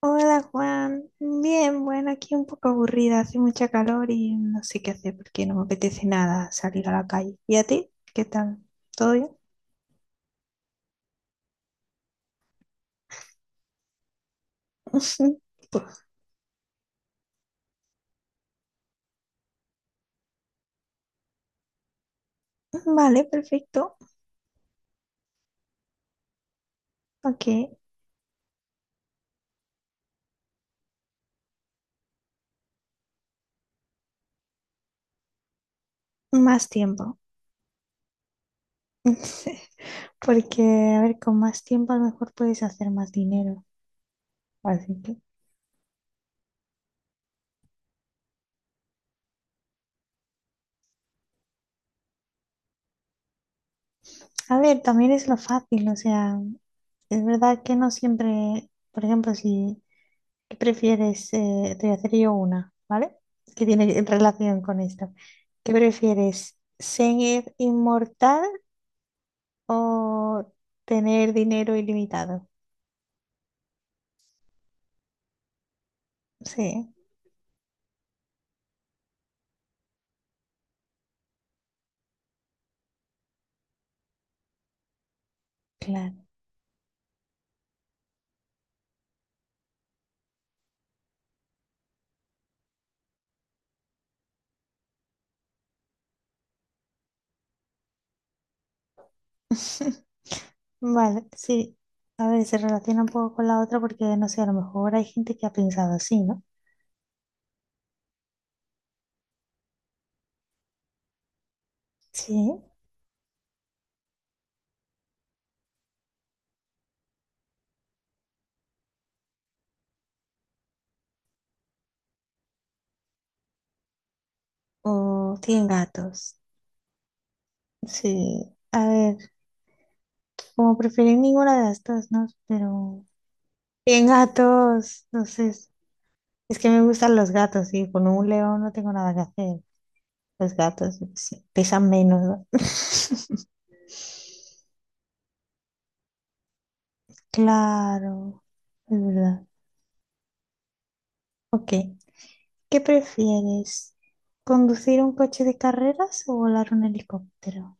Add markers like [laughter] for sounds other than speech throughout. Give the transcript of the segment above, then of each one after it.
Hola Juan, bien, bueno, aquí un poco aburrida, hace mucha calor y no sé qué hacer porque no me apetece nada salir a la calle. ¿Y a ti? ¿Qué tal? ¿Todo bien? [laughs] Pues, vale, perfecto. Ok, más tiempo. [laughs] Porque, a ver, con más tiempo a lo mejor puedes hacer más dinero. Así que, a ver, también es lo fácil, o sea, es verdad que no siempre, por ejemplo, si... ¿Qué prefieres? Te voy a hacer yo una, ¿vale? Que tiene relación con esta. ¿Qué prefieres? ¿Ser inmortal o tener dinero ilimitado? Sí, claro. [laughs] Vale, sí. A ver, se relaciona un poco con la otra porque, no sé, a lo mejor hay gente que ha pensado así, ¿no? Sí. O tienen gatos. Sí. A ver, como preferir ninguna de las dos, ¿no? Pero... Tienen gatos, no sé, es que me gustan los gatos y con un león no tengo nada que hacer. Los gatos sí, pesan menos, ¿no? [laughs] Claro, es verdad. Ok, ¿qué prefieres? ¿Conducir un coche de carreras o volar un helicóptero?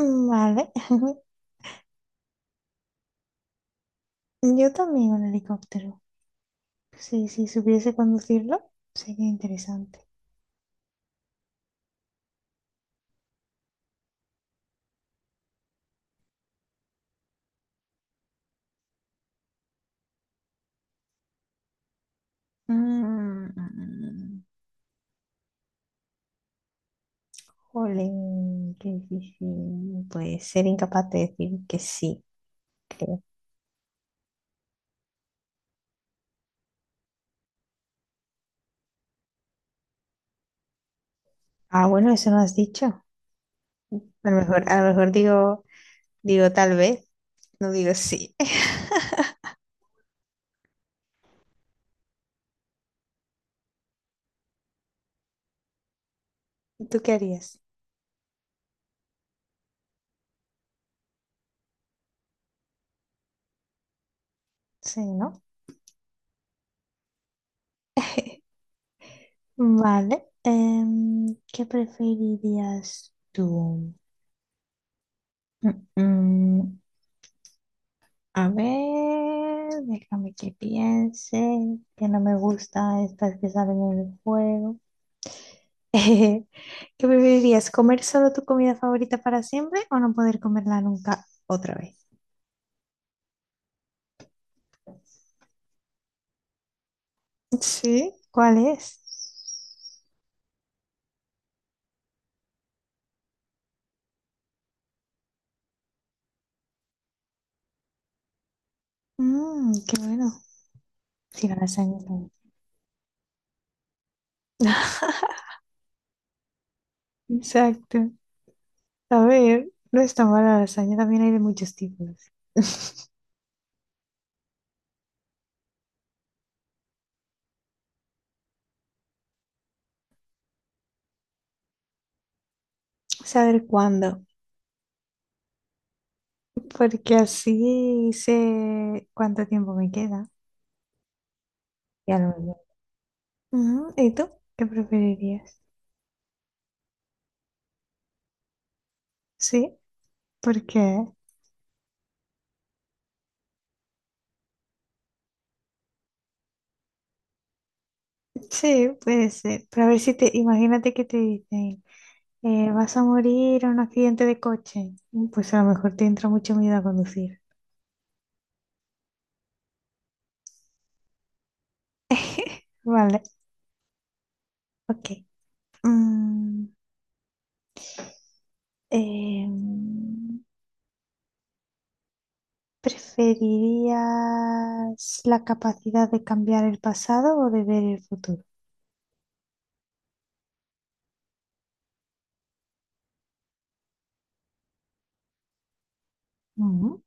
Vale, [laughs] yo también un helicóptero. Sí, si supiese conducirlo, sería interesante. Mm, jolín, qué difícil. Pues ser incapaz de decir que sí. Ah, bueno, eso no has dicho. A lo mejor digo, digo tal vez, no digo sí. [laughs] ¿Tú qué harías? Sí, ¿no? Vale. ¿Qué preferirías tú? Mm, mm, a ver, déjame que piense, que no me gusta estas que salen en el juego. [laughs] ¿Qué preferirías? ¿Comer solo tu comida favorita para siempre o no poder comerla nunca otra vez? Sí, ¿cuál es? Mm, qué bueno. Sí, la lasaña está bien. [laughs] Exacto. A ver, no está mala la lasaña, también hay de muchos tipos. [laughs] Saber cuándo, porque así sé cuánto tiempo me queda. Ya lo veo. Ujú, ¿y tú? ¿Qué preferirías? Sí, porque sí, puede ser. Pero a ver si te, imagínate que te dicen, vas a morir en un accidente de coche. Pues a lo mejor te entra mucho miedo a conducir. Vale, ok. Mm, Em, ¿Preferirías la capacidad de cambiar el pasado o de ver el futuro? Ujú.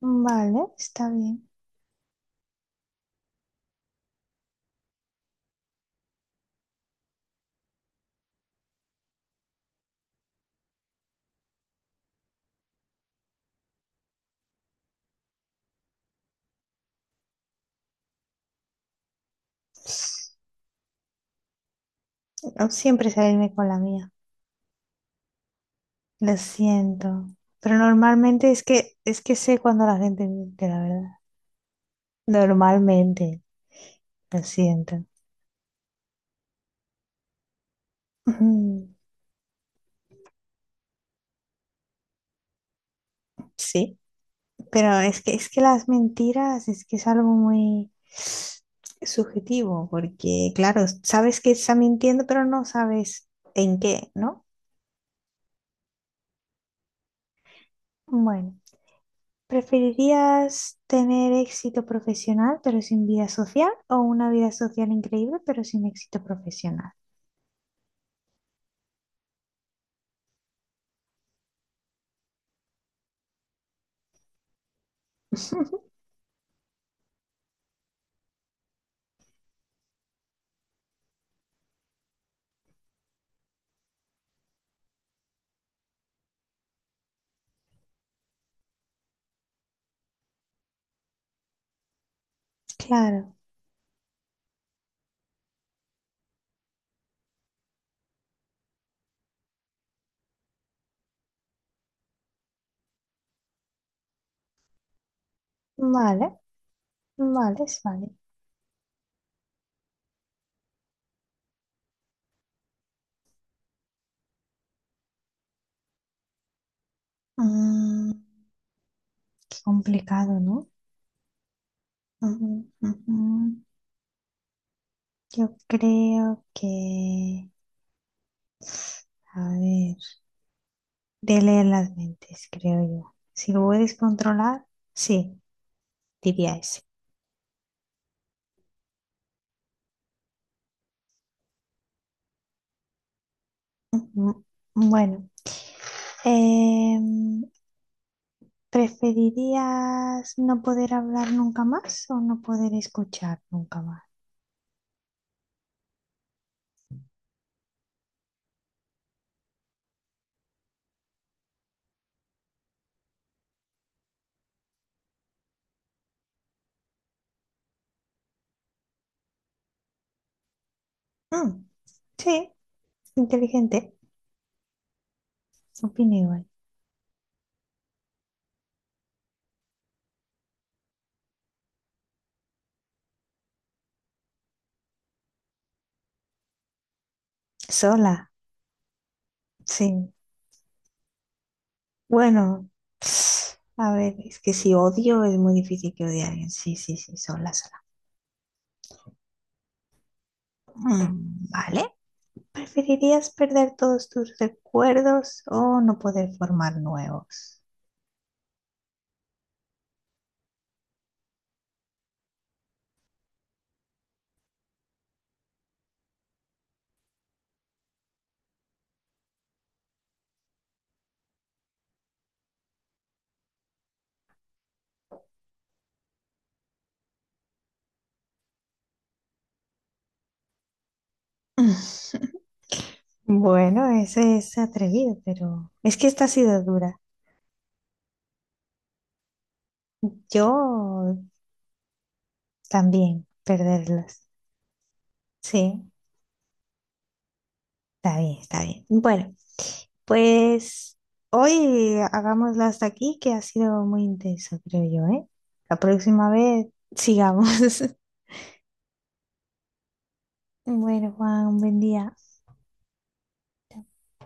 Vale, está bien. No siempre salirme con la mía. Lo siento. Pero normalmente es que sé cuando la gente miente, la verdad. Normalmente. Lo siento. Ujú. Sí. Pero es que las mentiras es que es algo muy subjetivo, porque claro, sabes que está mintiendo, pero no sabes en qué, ¿no? Bueno, ¿preferirías tener éxito profesional pero sin vida social o una vida social increíble pero sin éxito profesional? [laughs] Claro, vale, vale, es vale. Mm, qué complicado, ¿no? Ujú, ujú. Yo creo que, a ver, de leer las mentes, creo yo. Si lo puedes controlar, sí, diría ese. Mm, Bueno, em, ¿preferirías no poder hablar nunca más o no poder escuchar nunca más? Mm, sí, inteligente, opino igual. Sola, sí. Bueno, [sniffs] a ver, es que si odio es muy difícil que odie a alguien. Sí, sí, sí, sola, sola. Mm, vale. ¿Preferirías perder todos tus recuerdos o no poder formar nuevos? [laughs] Bueno, ese es atrevido, pero es que esta ha sido dura. Yo también perderlos. Sí, está bien, está bien. Bueno, pues hoy hagámoslo hasta aquí, que ha sido muy intenso, creo yo, ¿eh? La próxima vez sigamos. [laughs] Bueno, Juan, un buen día.